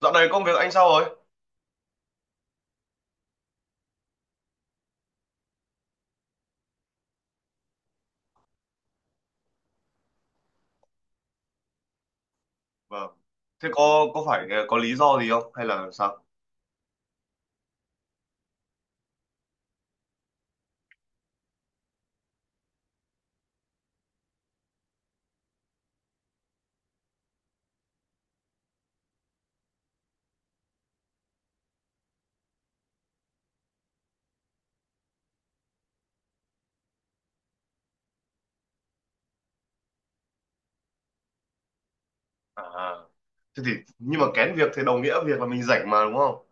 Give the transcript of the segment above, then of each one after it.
Dạo này công việc anh sao rồi? Vâng. Thế có phải có lý do gì không hay là sao? À, thế thì nhưng mà kén việc thì đồng nghĩa việc là mình rảnh mà đúng không?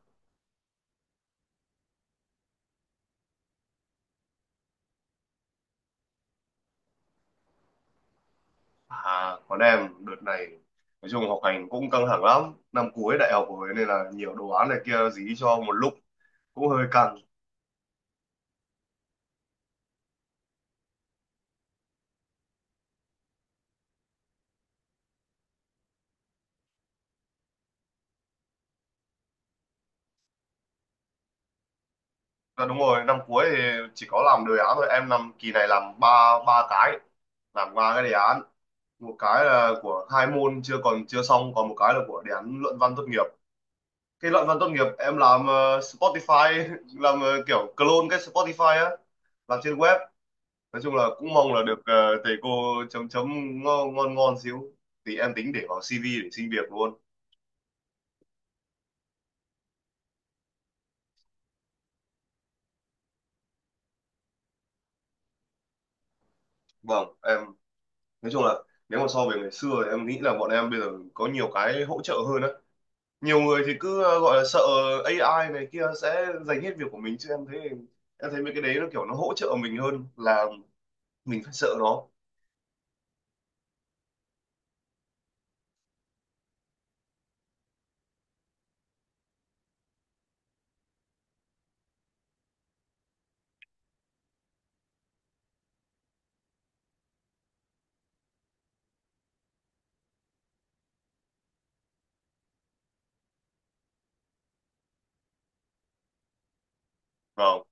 À, còn em đợt này nói chung học hành cũng căng thẳng lắm, năm cuối đại học rồi nên là nhiều đồ án này kia dí cho một lúc cũng hơi căng. À, đúng rồi, năm cuối thì chỉ có làm đề án thôi, em năm kỳ này làm ba ba cái, làm ba cái đề án, một cái là của hai môn chưa còn chưa xong, còn một cái là của đề án luận văn tốt nghiệp. Cái luận văn tốt nghiệp em làm Spotify làm kiểu clone cái Spotify á, làm trên web. Nói chung là cũng mong là được thầy cô chấm chấm ngon ngon ngon xíu, thì em tính để vào CV để xin việc luôn. Vâng, em nói chung là nếu mà so về ngày xưa thì em nghĩ là bọn em bây giờ có nhiều cái hỗ trợ hơn á. Nhiều người thì cứ gọi là sợ AI này kia sẽ giành hết việc của mình, chứ em thấy mấy cái đấy nó kiểu nó hỗ trợ mình hơn là mình phải sợ nó. Vâng.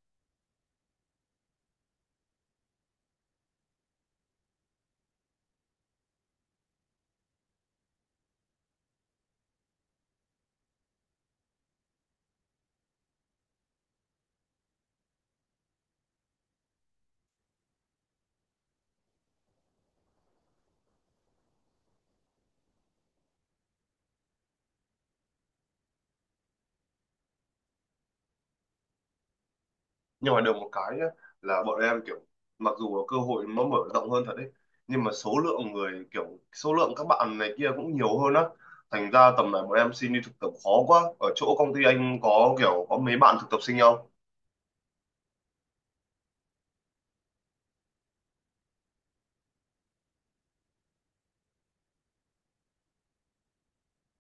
Nhưng mà được một cái nhá, là bọn em kiểu mặc dù là cơ hội nó mở rộng hơn thật đấy, nhưng mà số lượng người kiểu số lượng các bạn này kia cũng nhiều hơn á, thành ra tầm này bọn em xin đi thực tập khó quá. Ở chỗ công ty anh có kiểu có mấy bạn thực tập sinh không?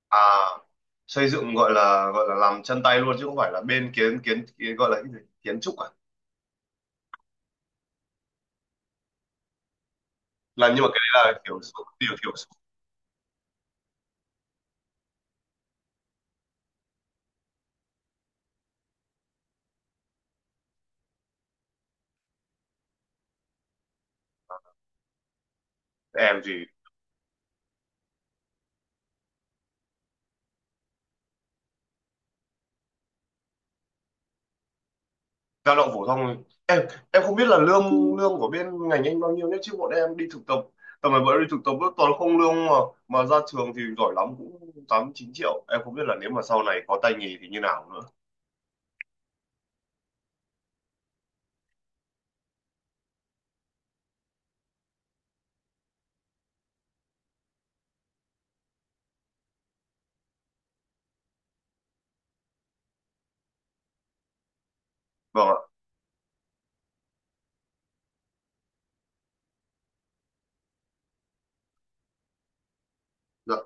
À, xây dựng gọi là làm chân tay luôn chứ không phải là bên kiến kiến, kiến gọi là cái gì? Kiến trúc à? Làm nhưng mà cái đấy là kiểu số- điều thiểu số. Em gì lao động phổ thông thôi. em em không biết là lương lương của bên ngành anh bao nhiêu nhé, chứ bọn em đi thực tập, tầm này bọn em đi thực tập vẫn toàn không lương mà ra trường thì giỏi lắm cũng tám chín triệu. Em không biết là nếu mà sau này có tay nghề thì như nào nữa. Vâng ạ. Dạ.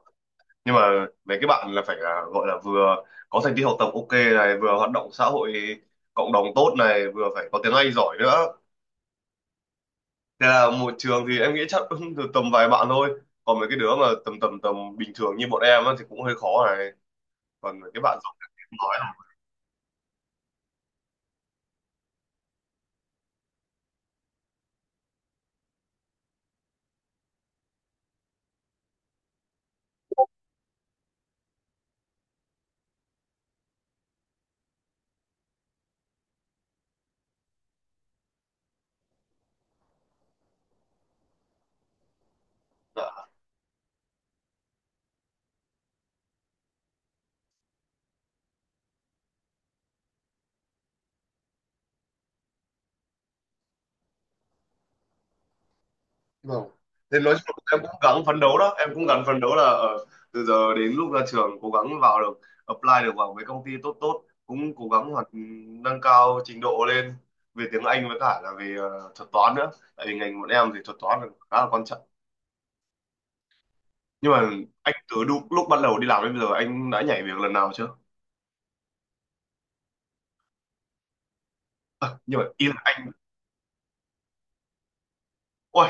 Nhưng mà mấy cái bạn là phải là gọi là vừa có thành tích học tập ok này, vừa hoạt động xã hội cộng đồng tốt này, vừa phải có tiếng Anh giỏi nữa. Thế là một trường thì em nghĩ chắc cũng được tầm vài bạn thôi, còn mấy cái đứa mà tầm tầm tầm bình thường như bọn em á thì cũng hơi khó này. Còn mấy cái bạn giỏi. Dạ, vâng. Thế nói chung là em cũng gắng phấn đấu đó, em cũng gắng phấn đấu là từ giờ đến lúc ra trường cố gắng vào được, apply được vào mấy công ty tốt tốt, cũng cố gắng hoạt nâng cao trình độ lên về tiếng Anh với cả là về thuật toán nữa. Tại vì ngành bọn em thì thuật toán là khá là quan trọng. Nhưng mà anh từ lúc bắt đầu đi làm đến bây giờ anh đã nhảy việc lần nào chưa? Ờ, nhưng mà ý là anh, ôi,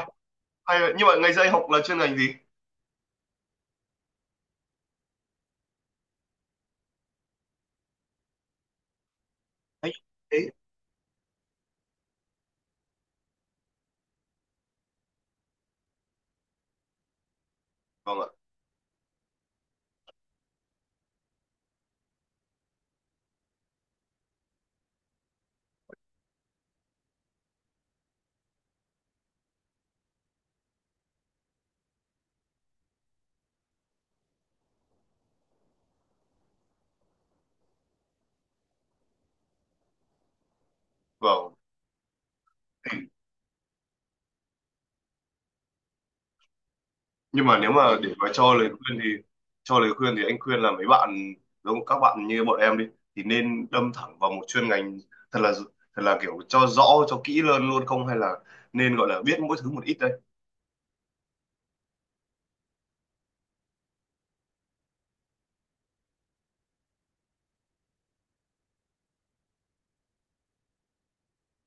hay, vậy. Nhưng mà ngày xưa anh học là chuyên ngành gì? Anh ấy, vâng ạ. Vâng. Nhưng mà nếu mà để mà cho lời khuyên thì cho lời khuyên thì anh khuyên là mấy bạn giống các bạn như bọn em đi thì nên đâm thẳng vào một chuyên ngành thật là thật là kiểu cho rõ cho kỹ hơn luôn, không hay là nên gọi là biết mỗi thứ một ít đây?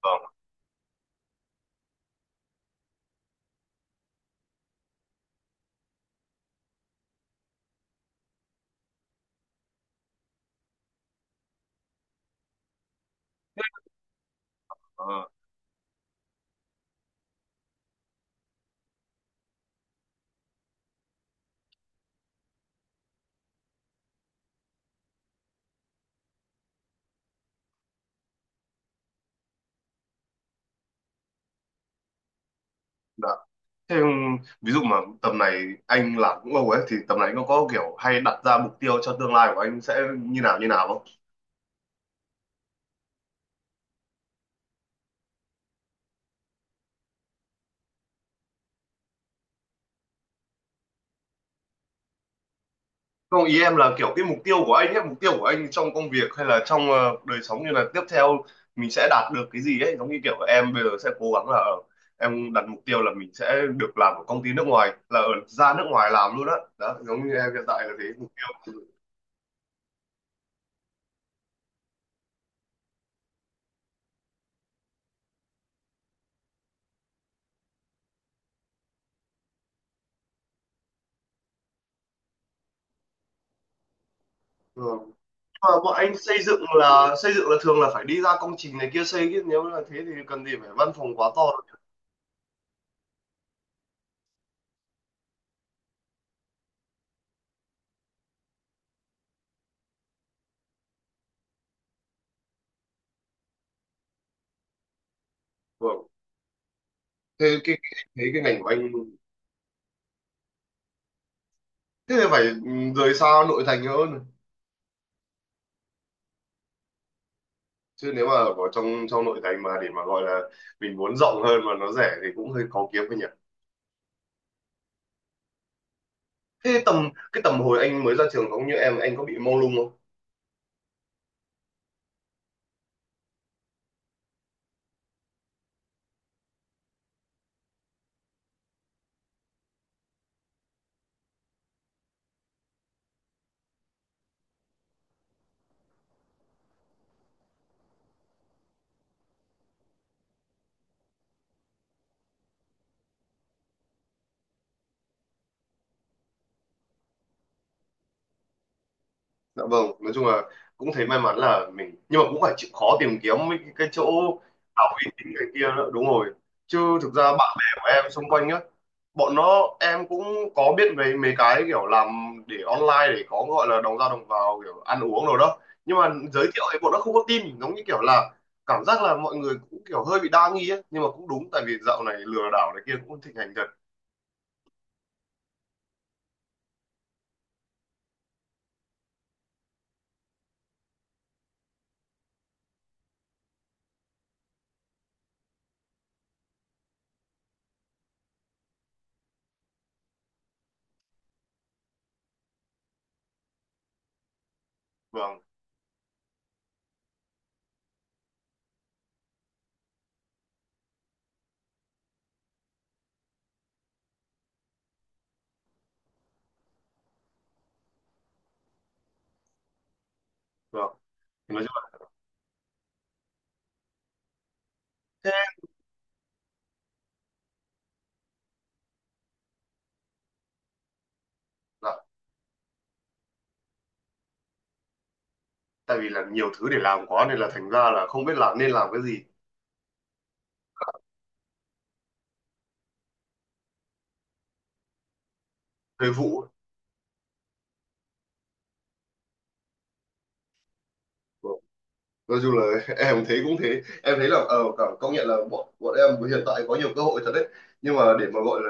Vâng. ờ, dạ. Thế ví dụ mà tầm này anh làm cũng lâu ấy, thì tầm này anh có kiểu hay đặt ra mục tiêu cho tương lai của anh sẽ như nào không? Không, ý em là kiểu cái mục tiêu của anh ấy, mục tiêu của anh trong công việc hay là trong đời sống, như là tiếp theo mình sẽ đạt được cái gì ấy, giống như kiểu em bây giờ sẽ cố gắng là em đặt mục tiêu là mình sẽ được làm ở công ty nước ngoài, là ở ra nước ngoài làm luôn á. Đó, giống như em hiện tại là thế mục tiêu. Ừ. Mà bọn anh xây dựng là thường là phải đi ra công trình này kia xây, chứ nếu là thế thì cần gì phải văn phòng quá to đâu. Vâng. Thế cái- thế cái ngành của anh thế thì phải ừ, rời xa nội thành hơn. Chứ nếu mà ở trong trong nội thành mà để mà gọi là mình muốn rộng hơn mà nó rẻ thì cũng hơi khó kiếm thôi nhỉ. Thế tầm cái tầm hồi anh mới ra trường giống như em anh có bị mông lung không? Dạ vâng, nói chung là cũng thấy may mắn là mình, nhưng mà cũng phải chịu khó tìm kiếm mấy cái chỗ học uy tín này kia nữa, đúng rồi. Chứ thực ra bạn bè của em xung quanh á, bọn nó em cũng có biết về mấy cái kiểu làm để online để có gọi là đồng ra đồng vào kiểu ăn uống rồi đó, nhưng mà giới thiệu thì bọn nó không có tin, giống như kiểu là cảm giác là mọi người cũng kiểu hơi bị đa nghi ấy. Nhưng mà cũng đúng, tại vì dạo này lừa đảo này kia cũng thịnh hành thật. Vâng. Vâng. Thì nói chung là thế là tại vì là nhiều thứ để làm quá nên là thành ra là không biết là nên làm cái gì. Thời vụ ấy. Vâng. Nói chung là em thấy cũng thế, em thấy là ờ cảm- công nhận là bọn bọn em hiện tại có nhiều cơ hội thật đấy, nhưng mà để mà gọi là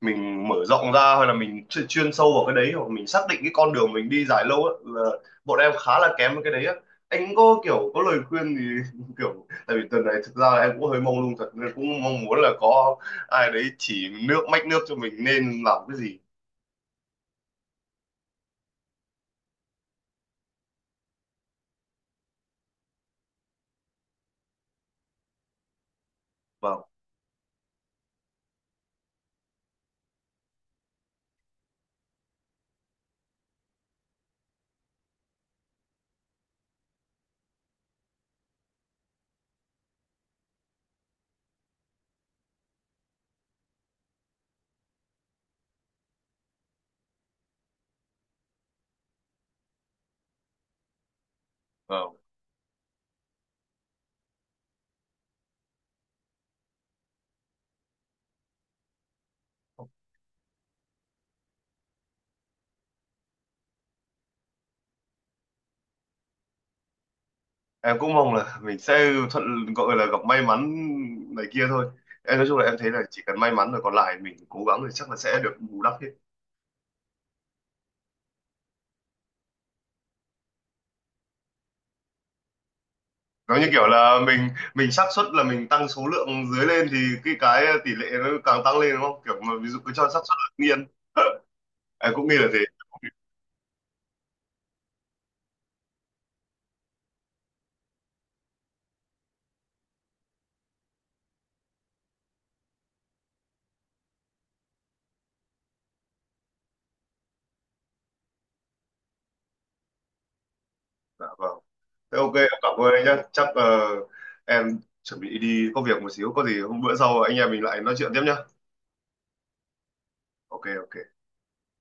mình mở rộng ra hay là mình chuyên, chuyên sâu vào cái đấy, hoặc mình xác định cái con đường mình đi dài lâu á, là bọn em khá là kém với cái đấy á. Anh có kiểu có lời khuyên thì kiểu tại vì tuần này thực ra là em cũng hơi mông lung thật, nên cũng mong muốn là có ai đấy chỉ nước mách nước cho mình nên làm cái gì. Vâng. Vâng. Em cũng mong là mình sẽ thuận gọi là gặp may mắn này kia thôi. Em nói chung là em thấy là chỉ cần may mắn rồi còn lại mình cố gắng thì chắc là sẽ được bù đắp hết. Giống như kiểu là mình xác suất là mình tăng số lượng dưới lên thì cái tỷ lệ nó càng tăng lên đúng không, kiểu mà ví dụ cứ cho xác suất là tự nhiên. Em cũng nghĩ là thế. Dạ vâng, thế ok em cảm ơn anh nhé, chắc em chuẩn bị đi có việc một xíu, có gì hôm bữa sau anh em mình lại nói chuyện tiếp nhá. Ok ok.